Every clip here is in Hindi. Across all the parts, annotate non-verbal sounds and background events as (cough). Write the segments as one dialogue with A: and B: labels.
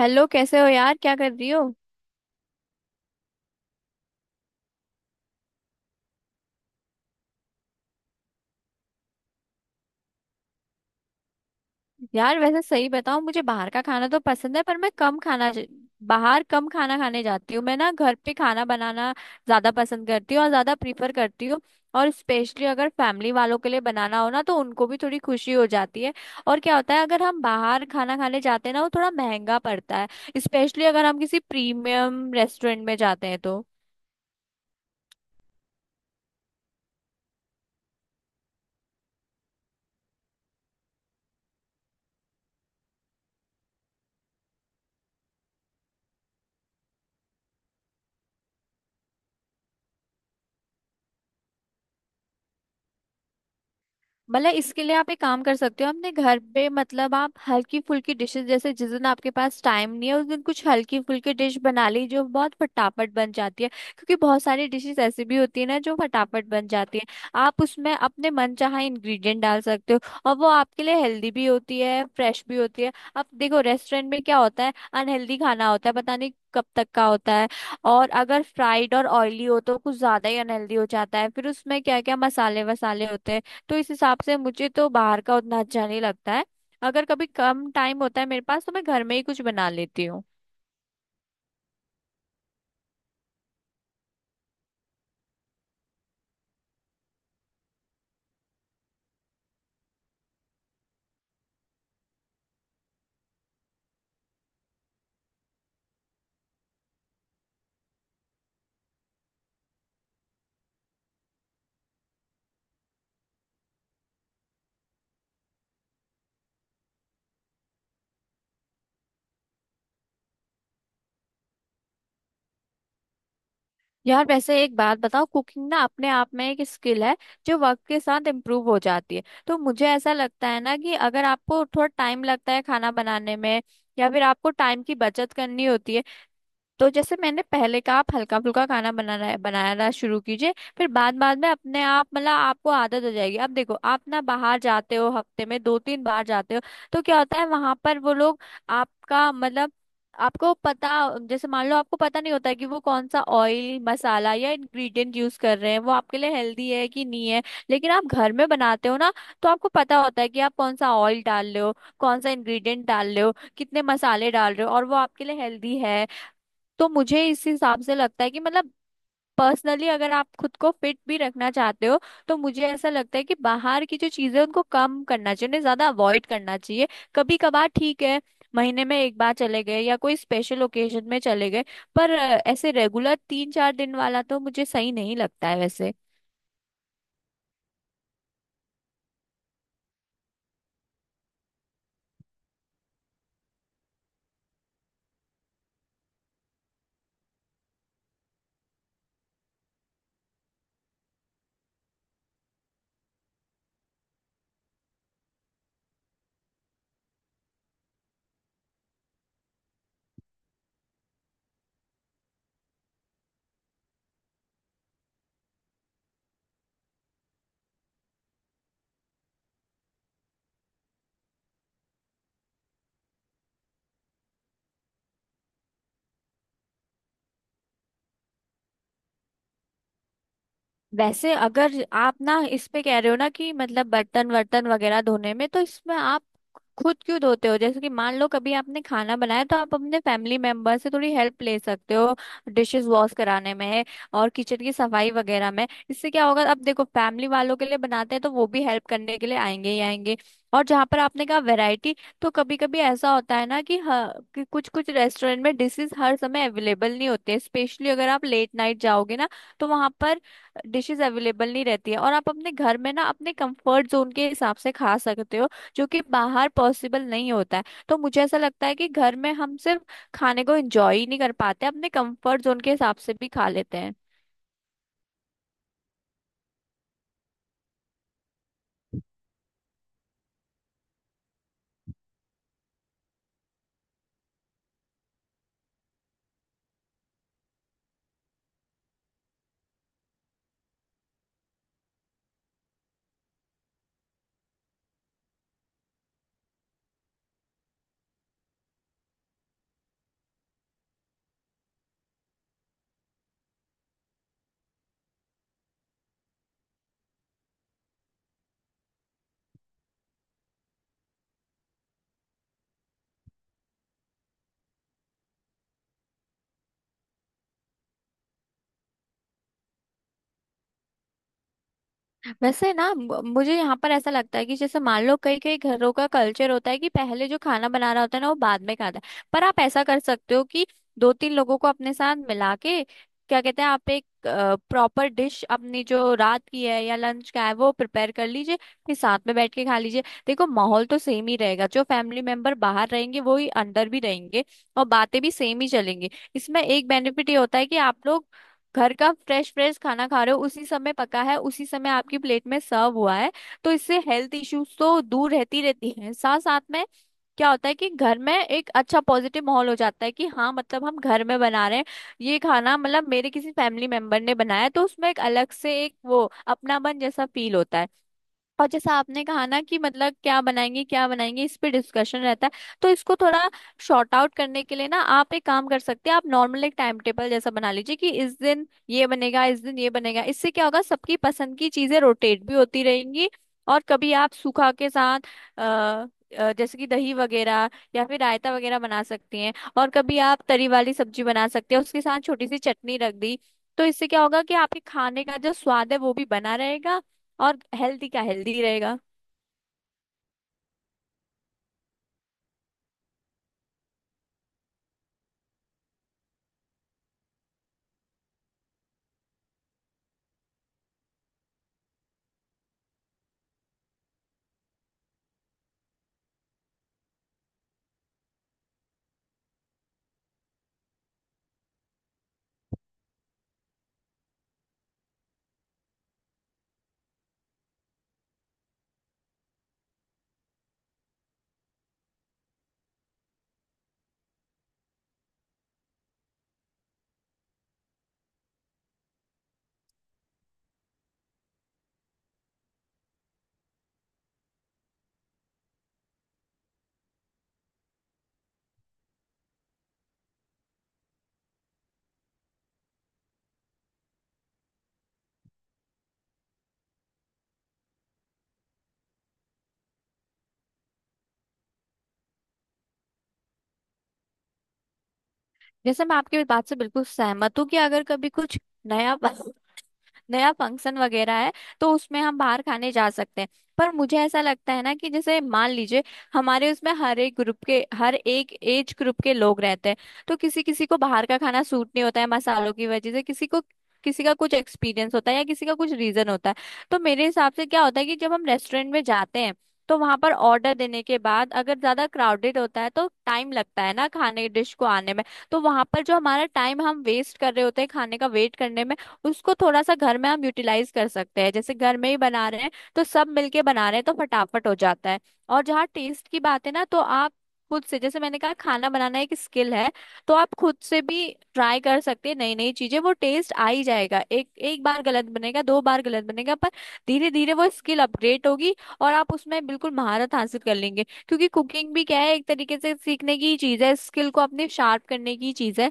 A: हेलो, कैसे हो यार? क्या कर रही हो? यार वैसे सही बताऊं, मुझे बाहर का खाना तो पसंद है पर मैं कम खाना बाहर कम खाना खाने जाती हूँ। मैं ना घर पे खाना बनाना ज्यादा पसंद करती हूँ और ज्यादा प्रीफर करती हूँ। और स्पेशली अगर फैमिली वालों के लिए बनाना हो ना तो उनको भी थोड़ी खुशी हो जाती है। और क्या होता है, अगर हम बाहर खाना खाने जाते हैं ना, वो थोड़ा महंगा पड़ता है, स्पेशली अगर हम किसी प्रीमियम रेस्टोरेंट में जाते हैं तो। मतलब इसके लिए आप एक काम कर सकते हो, अपने घर पे मतलब आप हल्की फुल्की डिशेस, जैसे जिस दिन आपके पास टाइम नहीं है उस दिन कुछ हल्की फुल्की डिश बना ली जो बहुत फटाफट बन जाती है। क्योंकि बहुत सारी डिशेस ऐसी भी होती है ना जो फटाफट बन जाती है। आप उसमें अपने मनचाहा इंग्रेडिएंट डाल सकते हो और वो आपके लिए हेल्दी भी होती है, फ्रेश भी होती है। अब देखो रेस्टोरेंट में क्या होता है, अनहेल्दी खाना होता है, पता नहीं कब तक का होता है। और अगर फ्राइड और ऑयली हो तो कुछ ज्यादा ही अनहेल्दी हो जाता है, फिर उसमें क्या क्या मसाले वसाले होते हैं। तो इस हिसाब से मुझे तो बाहर का उतना अच्छा नहीं लगता है। अगर कभी कम टाइम होता है मेरे पास तो मैं घर में ही कुछ बना लेती हूँ। यार वैसे एक बात बताओ, कुकिंग ना अपने आप में एक स्किल है जो वक्त के साथ इम्प्रूव हो जाती है। तो मुझे ऐसा लगता है ना कि अगर आपको थोड़ा टाइम लगता है खाना बनाने में या फिर आपको टाइम की बचत करनी होती है, तो जैसे मैंने पहले कहा, आप हल्का फुल्का खाना बनाना बनाना शुरू कीजिए। फिर बाद बाद में अपने आप मतलब आपको आदत हो जाएगी। अब देखो आप ना बाहर जाते हो, हफ्ते में दो तीन बार जाते हो। तो क्या होता है वहां पर वो लोग आपका मतलब आपको पता, जैसे मान लो आपको पता नहीं होता है कि वो कौन सा ऑयल, मसाला या इंग्रेडिएंट यूज कर रहे हैं, वो आपके लिए हेल्दी है कि नहीं है। लेकिन आप घर में बनाते हो ना तो आपको पता होता है कि आप कौन सा ऑयल डाल रहे हो, कौन सा इंग्रेडिएंट डाल रहे हो, कितने मसाले डाल रहे हो और वो आपके लिए हेल्दी है। तो मुझे इस हिसाब से लगता है कि मतलब पर्सनली अगर आप खुद को फिट भी रखना चाहते हो तो मुझे ऐसा लगता है कि बाहर की जो चीजें हैं, उनको कम करना चाहिए, उन्हें ज्यादा अवॉइड करना चाहिए। कभी कभार ठीक है, महीने में एक बार चले गए या कोई स्पेशल ओकेजन में चले गए, पर ऐसे रेगुलर तीन चार दिन वाला तो मुझे सही नहीं लगता है वैसे। वैसे अगर आप ना इस पे कह रहे हो ना कि मतलब बर्तन वर्तन वगैरह धोने में, तो इसमें आप खुद क्यों धोते हो? जैसे कि मान लो कभी आपने खाना बनाया तो आप अपने फैमिली मेंबर से थोड़ी हेल्प ले सकते हो, डिशेस वॉश कराने में और किचन की सफाई वगैरह में। इससे क्या होगा, अब देखो फैमिली वालों के लिए बनाते हैं तो वो भी हेल्प करने के लिए आएंगे ही आएंगे। और जहाँ पर आपने कहा वैरायटी, तो कभी कभी ऐसा होता है ना कि कुछ कुछ रेस्टोरेंट में डिशेस हर समय अवेलेबल नहीं होते, स्पेशली अगर आप लेट नाइट जाओगे ना तो वहां पर डिशेस अवेलेबल नहीं रहती है। और आप अपने घर में ना अपने कंफर्ट जोन के हिसाब से खा सकते हो जो कि बाहर पॉसिबल नहीं होता है। तो मुझे ऐसा लगता है कि घर में हम सिर्फ खाने को एंजॉय ही नहीं कर पाते, अपने कंफर्ट जोन के हिसाब से भी खा लेते हैं। मुझे यहाँ पर ऐसा लगता है कि जैसे मान लो कई कई घरों का कल्चर होता है कि पहले जो खाना बना रहा होता है ना वो बाद में खाता है। पर आप ऐसा कर सकते हो कि दो तीन लोगों को अपने साथ मिला के, क्या कहते हैं, आप एक प्रॉपर डिश अपनी, जो रात की है या लंच का है, वो प्रिपेयर कर लीजिए। फिर साथ में बैठ के खा लीजिए। देखो माहौल तो सेम ही रहेगा, जो फैमिली मेंबर बाहर रहेंगे वो ही अंदर भी रहेंगे, और बातें भी सेम ही चलेंगी। इसमें एक बेनिफिट ये होता है कि आप लोग घर का फ्रेश फ्रेश खाना खा रहे हो, उसी समय पका है, उसी समय आपकी प्लेट में सर्व हुआ है। तो इससे हेल्थ इश्यूज तो दूर रहती रहती हैं, साथ साथ में क्या होता है कि घर में एक अच्छा पॉजिटिव माहौल हो जाता है कि हाँ मतलब हम घर में बना रहे हैं, ये खाना मतलब मेरे किसी फैमिली मेंबर ने बनाया है, तो उसमें एक अलग से एक वो अपनापन जैसा फील होता है। और जैसा आपने कहा ना कि मतलब क्या बनाएंगे क्या बनाएंगे, इस पे डिस्कशन रहता है, तो इसको थोड़ा शॉर्ट आउट करने के लिए ना आप एक काम कर सकते हैं, आप नॉर्मल एक टाइम टेबल जैसा बना लीजिए कि इस दिन ये बनेगा इस दिन ये बनेगा। इससे क्या होगा, सबकी पसंद की चीजें रोटेट भी होती रहेंगी। और कभी आप सूखा के साथ, अ, जैसे कि दही वगैरह या फिर रायता वगैरह बना सकती हैं, और कभी आप तरी वाली सब्जी बना सकते हैं, उसके साथ छोटी सी चटनी रख दी। तो इससे क्या होगा कि आपके खाने का जो स्वाद है वो भी बना रहेगा, और हेल्दी का हेल्दी रहेगा। जैसे मैं आपकी बात से बिल्कुल सहमत हूँ कि अगर कभी कुछ नया (laughs) नया फंक्शन वगैरह है तो उसमें हम बाहर खाने जा सकते हैं। पर मुझे ऐसा लगता है ना कि जैसे मान लीजिए हमारे उसमें हर एक ग्रुप के, हर एक एज ग्रुप के लोग रहते हैं, तो किसी किसी को बाहर का खाना सूट नहीं होता है मसालों की वजह से, किसी को किसी का कुछ एक्सपीरियंस होता है, या किसी का कुछ रीजन होता है। तो मेरे हिसाब से क्या होता है कि जब हम रेस्टोरेंट में जाते हैं तो वहां पर ऑर्डर देने के बाद अगर ज्यादा क्राउडेड होता है तो टाइम लगता है ना खाने डिश को आने में। तो वहां पर जो हमारा टाइम हम वेस्ट कर रहे होते हैं खाने का वेट करने में, उसको थोड़ा सा घर में हम यूटिलाइज कर सकते हैं। जैसे घर में ही बना रहे हैं तो सब मिलके बना रहे हैं तो फटाफट हो जाता है। और जहाँ टेस्ट की बात है ना, तो आप खुद से, जैसे मैंने कहा खाना बनाना एक स्किल है, तो आप खुद से भी ट्राई कर सकते हैं नई नई चीजें। वो टेस्ट आ ही जाएगा, एक एक बार गलत बनेगा, दो बार गलत बनेगा, पर धीरे धीरे वो स्किल अपग्रेड होगी और आप उसमें बिल्कुल महारत हासिल कर लेंगे। क्योंकि कुकिंग भी क्या है, एक तरीके से सीखने की ही चीज है, स्किल को अपने शार्प करने की चीज है।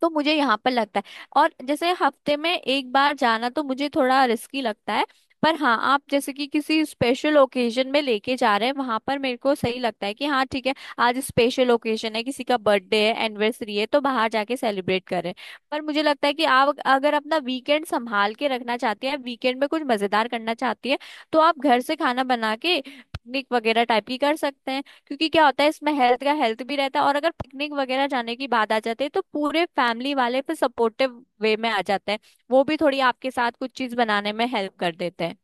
A: तो मुझे यहाँ पर लगता है, और जैसे हफ्ते में एक बार जाना तो मुझे थोड़ा रिस्की लगता है। पर हाँ, आप जैसे कि किसी स्पेशल ओकेजन में लेके जा रहे हैं, वहां पर मेरे को सही लगता है कि हाँ ठीक है, आज स्पेशल ओकेजन है, किसी का बर्थडे है, एनिवर्सरी है, तो बाहर जाके सेलिब्रेट करें। पर मुझे लगता है कि आप अगर अपना वीकेंड संभाल के रखना चाहती हैं, वीकेंड में कुछ मजेदार करना चाहती है, तो आप घर से खाना बना के पिकनिक वगैरह टाइप की कर सकते हैं। क्योंकि क्या होता है, इसमें हेल्थ का हेल्थ भी रहता है, और अगर पिकनिक वगैरह जाने की बात आ जाती है तो पूरे फैमिली वाले फिर सपोर्टिव वे में आ जाते हैं, वो भी थोड़ी आपके साथ कुछ चीज बनाने में हेल्प कर देते हैं।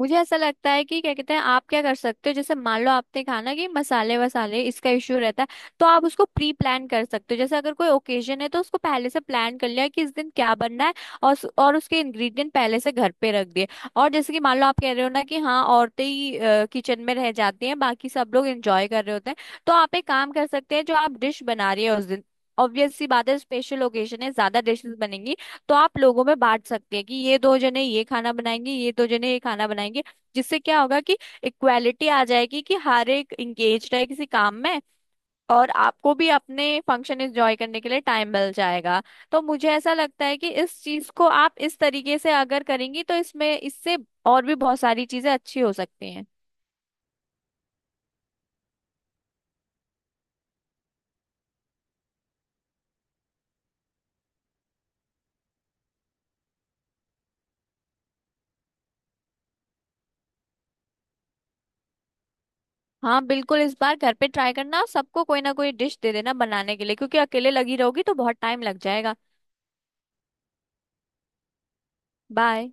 A: मुझे ऐसा लगता है कि क्या कहते हैं, आप क्या कर सकते हो, जैसे मान लो आपने कहा ना कि मसाले वसाले इसका इश्यू रहता है, तो आप उसको प्री प्लान कर सकते हो। जैसे अगर कोई ओकेजन है तो उसको पहले से प्लान कर लिया कि इस दिन क्या बनना है, और और उसके इंग्रेडिएंट पहले से घर पे रख दिए। और जैसे कि मान लो आप कह रहे हो ना कि हाँ औरतें ही किचन में रह जाती हैं, बाकी सब लोग एंजॉय कर रहे होते हैं, तो आप एक काम कर सकते हैं, जो आप डिश बना रही है उस दिन ऑब्वियस सी बात है स्पेशल ओकेजन है ज्यादा डिशेस बनेंगी, तो आप लोगों में बांट सकते हैं कि ये दो जने ये खाना बनाएंगे, ये दो जने ये खाना बनाएंगे। जिससे क्या होगा कि इक्वालिटी आ जाएगी कि हर एक इंगेज है किसी काम में, और आपको भी अपने फंक्शन एंजॉय करने के लिए टाइम मिल जाएगा। तो मुझे ऐसा लगता है कि इस चीज को आप इस तरीके से अगर करेंगी तो इसमें, इससे और भी बहुत सारी चीजें अच्छी हो सकती हैं। हाँ बिल्कुल, इस बार घर पे ट्राई करना और सबको कोई ना कोई डिश दे देना बनाने के लिए, क्योंकि अकेले लगी रहोगी तो बहुत टाइम लग जाएगा। बाय।